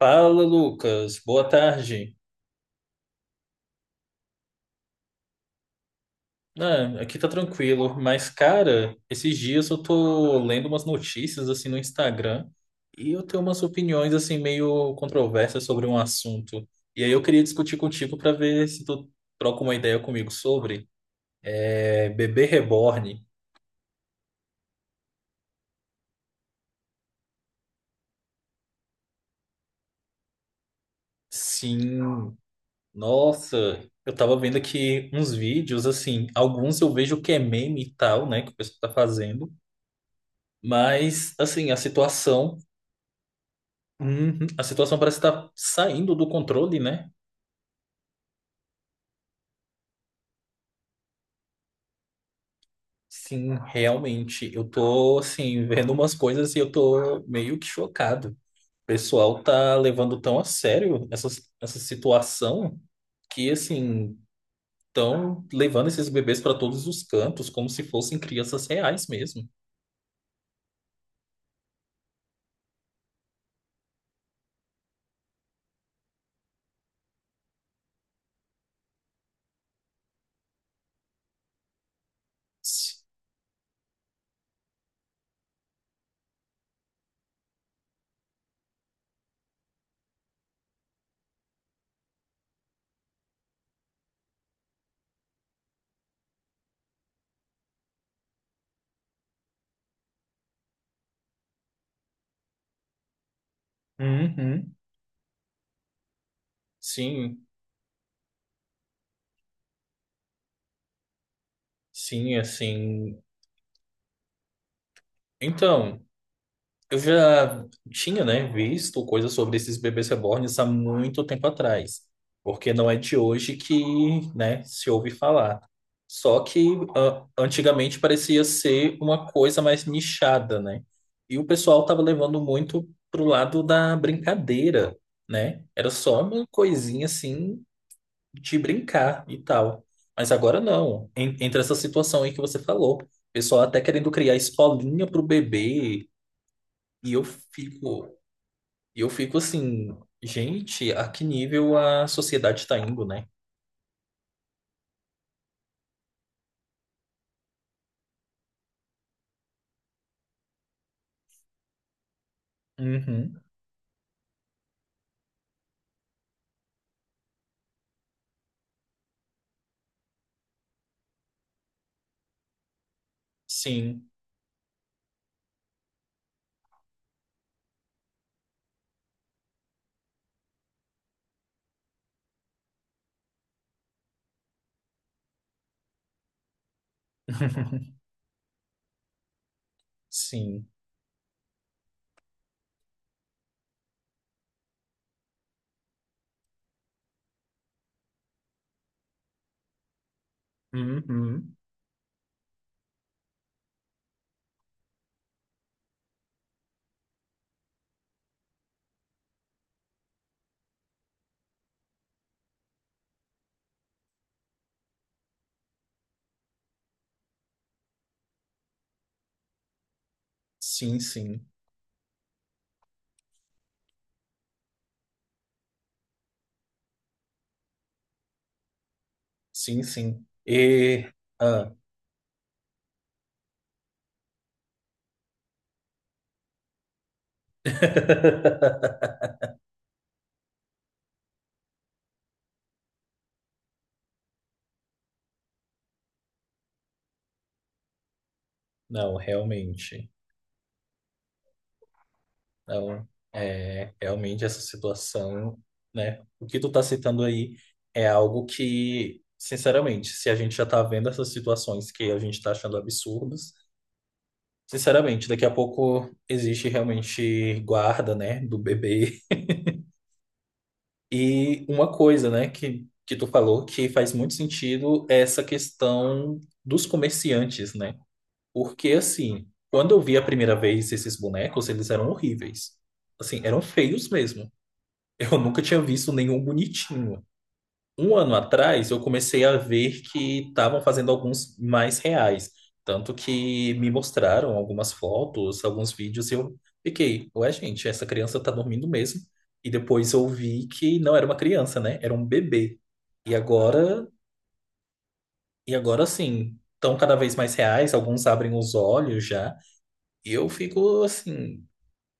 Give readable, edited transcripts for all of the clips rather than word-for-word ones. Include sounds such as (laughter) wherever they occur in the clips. Fala, Lucas. Boa tarde. Ah, aqui tá tranquilo, mas cara, esses dias eu tô lendo umas notícias assim no Instagram e eu tenho umas opiniões assim meio controversas sobre um assunto. E aí eu queria discutir contigo pra ver se tu troca uma ideia comigo sobre bebê reborn. Sim. Nossa, eu tava vendo aqui uns vídeos assim, alguns eu vejo que é meme e tal, né, que o pessoal tá fazendo. Mas, assim, a situação... Uhum. A situação parece estar saindo do controle, né? Sim, realmente, eu tô assim, vendo umas coisas e eu tô meio que chocado. O pessoal tá levando tão a sério essa, essa situação que assim, estão levando esses bebês para todos os cantos, como se fossem crianças reais mesmo. Uhum. Sim, sim, assim. Então. Eu já tinha, né, visto coisas sobre esses bebês reborns há muito tempo atrás, porque não é de hoje que, né, se ouve falar. Só que ah, antigamente parecia ser uma coisa mais nichada, né? E o pessoal estava levando muito pro lado da brincadeira, né? Era só uma coisinha assim de brincar e tal. Mas agora não. Entra essa situação aí que você falou. O pessoal até querendo criar escolinha pro bebê e eu fico assim, gente, a que nível a sociedade está indo, né? Uhum, sim. (laughs) Sim. Uhum. Sim, sim. Sim, sim. E... Ah. (laughs) Não, realmente. Não, é, realmente essa situação, né? O que tu tá citando aí é algo que, sinceramente, se a gente já tá vendo essas situações que a gente tá achando absurdas, sinceramente, daqui a pouco existe realmente guarda, né, do bebê. E uma coisa, né, que tu falou que faz muito sentido é essa questão dos comerciantes, né? Porque, assim, quando eu vi a primeira vez esses bonecos, eles eram horríveis. Assim, eram feios mesmo. Eu nunca tinha visto nenhum bonitinho. Um ano atrás, eu comecei a ver que estavam fazendo alguns mais reais. Tanto que me mostraram algumas fotos, alguns vídeos, e eu fiquei, ué, gente, essa criança tá dormindo mesmo. E depois eu vi que não era uma criança, né? Era um bebê. E agora, e agora sim, estão cada vez mais reais, alguns abrem os olhos já. E eu fico assim,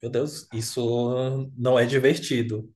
meu Deus, isso não é divertido.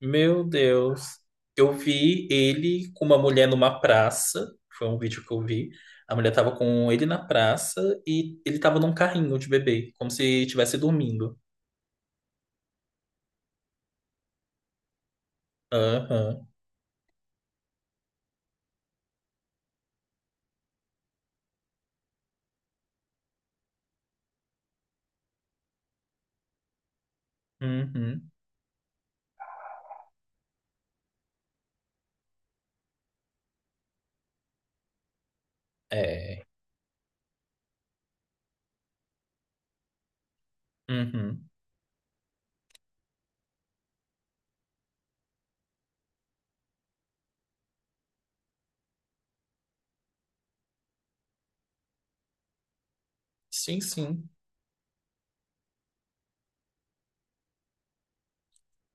Meu Deus. Eu vi ele com uma mulher numa praça. Foi um vídeo que eu vi. A mulher tava com ele na praça e ele tava num carrinho de bebê, como se estivesse dormindo. Aham. Uhum. É. Uhum. Sim, sim.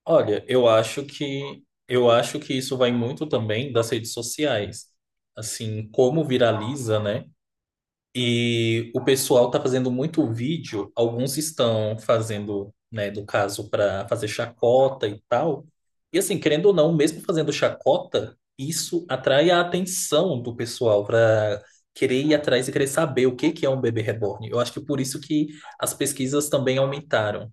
Olha, eu acho que isso vai muito também das redes sociais. Assim, como viraliza, né? E o pessoal está fazendo muito vídeo, alguns estão fazendo, né, no caso, para fazer chacota e tal. E assim, querendo ou não, mesmo fazendo chacota, isso atrai a atenção do pessoal para querer ir atrás e querer saber o que que é um bebê reborn. Eu acho que por isso que as pesquisas também aumentaram.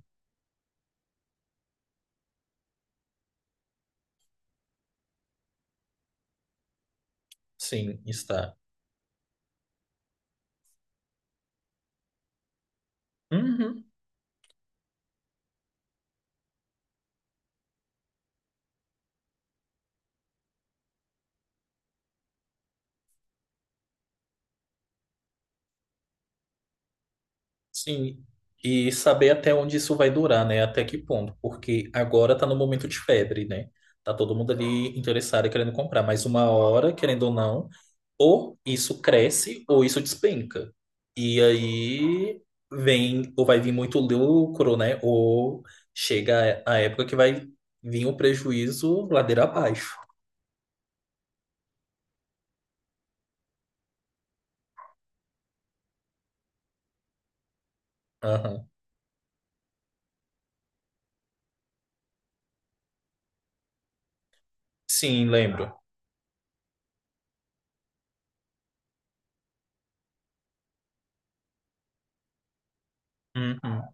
Sim, está. Uhum. Sim, e saber até onde isso vai durar, né? Até que ponto, porque agora tá no momento de febre, né? Tá todo mundo ali interessado e querendo comprar, mas uma hora, querendo ou não, ou isso cresce ou isso despenca. E aí vem, ou vai vir muito lucro, né? Ou chega a época que vai vir o prejuízo ladeira abaixo. Aham. Sim, lembro. Uhum.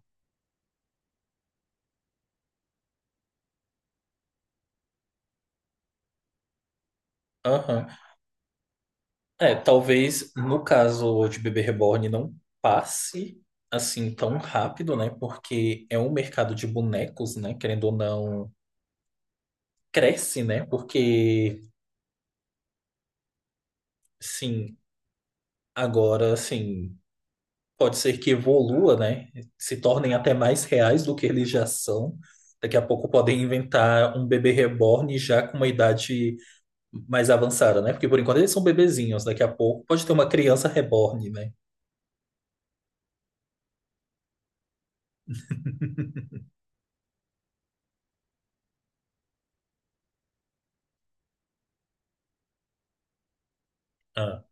Aham. É, talvez no caso de bebê reborn não passe assim tão rápido, né? Porque é um mercado de bonecos, né? Querendo ou não, cresce, né? Porque, sim, agora, assim, pode ser que evolua, né? Se tornem até mais reais do que eles já são. Daqui a pouco podem inventar um bebê reborn já com uma idade mais avançada, né? Porque por enquanto eles são bebezinhos. Daqui a pouco pode ter uma criança reborn, né? Ah,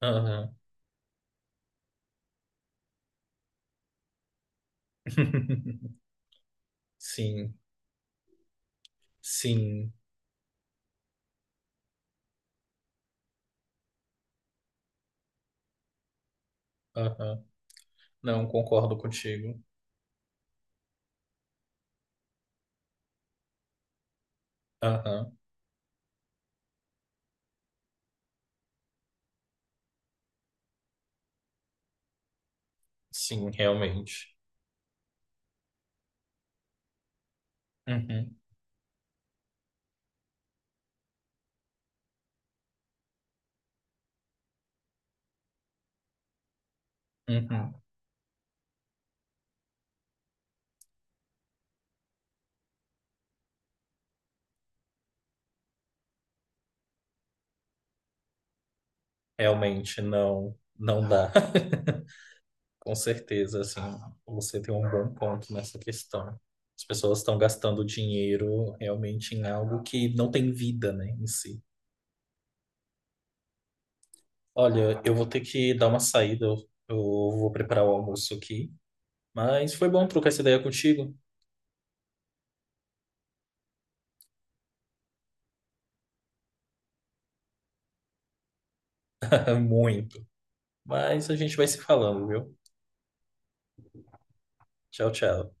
aham. (laughs) Sim. Sim, aham. Não, concordo contigo. Aham. Sim, realmente. Uhum, uhum. Realmente, não, não dá. (laughs) Com certeza, assim, você tem um bom ponto nessa questão. As pessoas estão gastando dinheiro realmente em algo que não tem vida, né, em si. Olha, eu vou ter que dar uma saída, eu vou preparar o almoço aqui. Mas foi bom trocar essa ideia contigo. (laughs) Muito. Mas a gente vai se falando, viu? Tchau, tchau.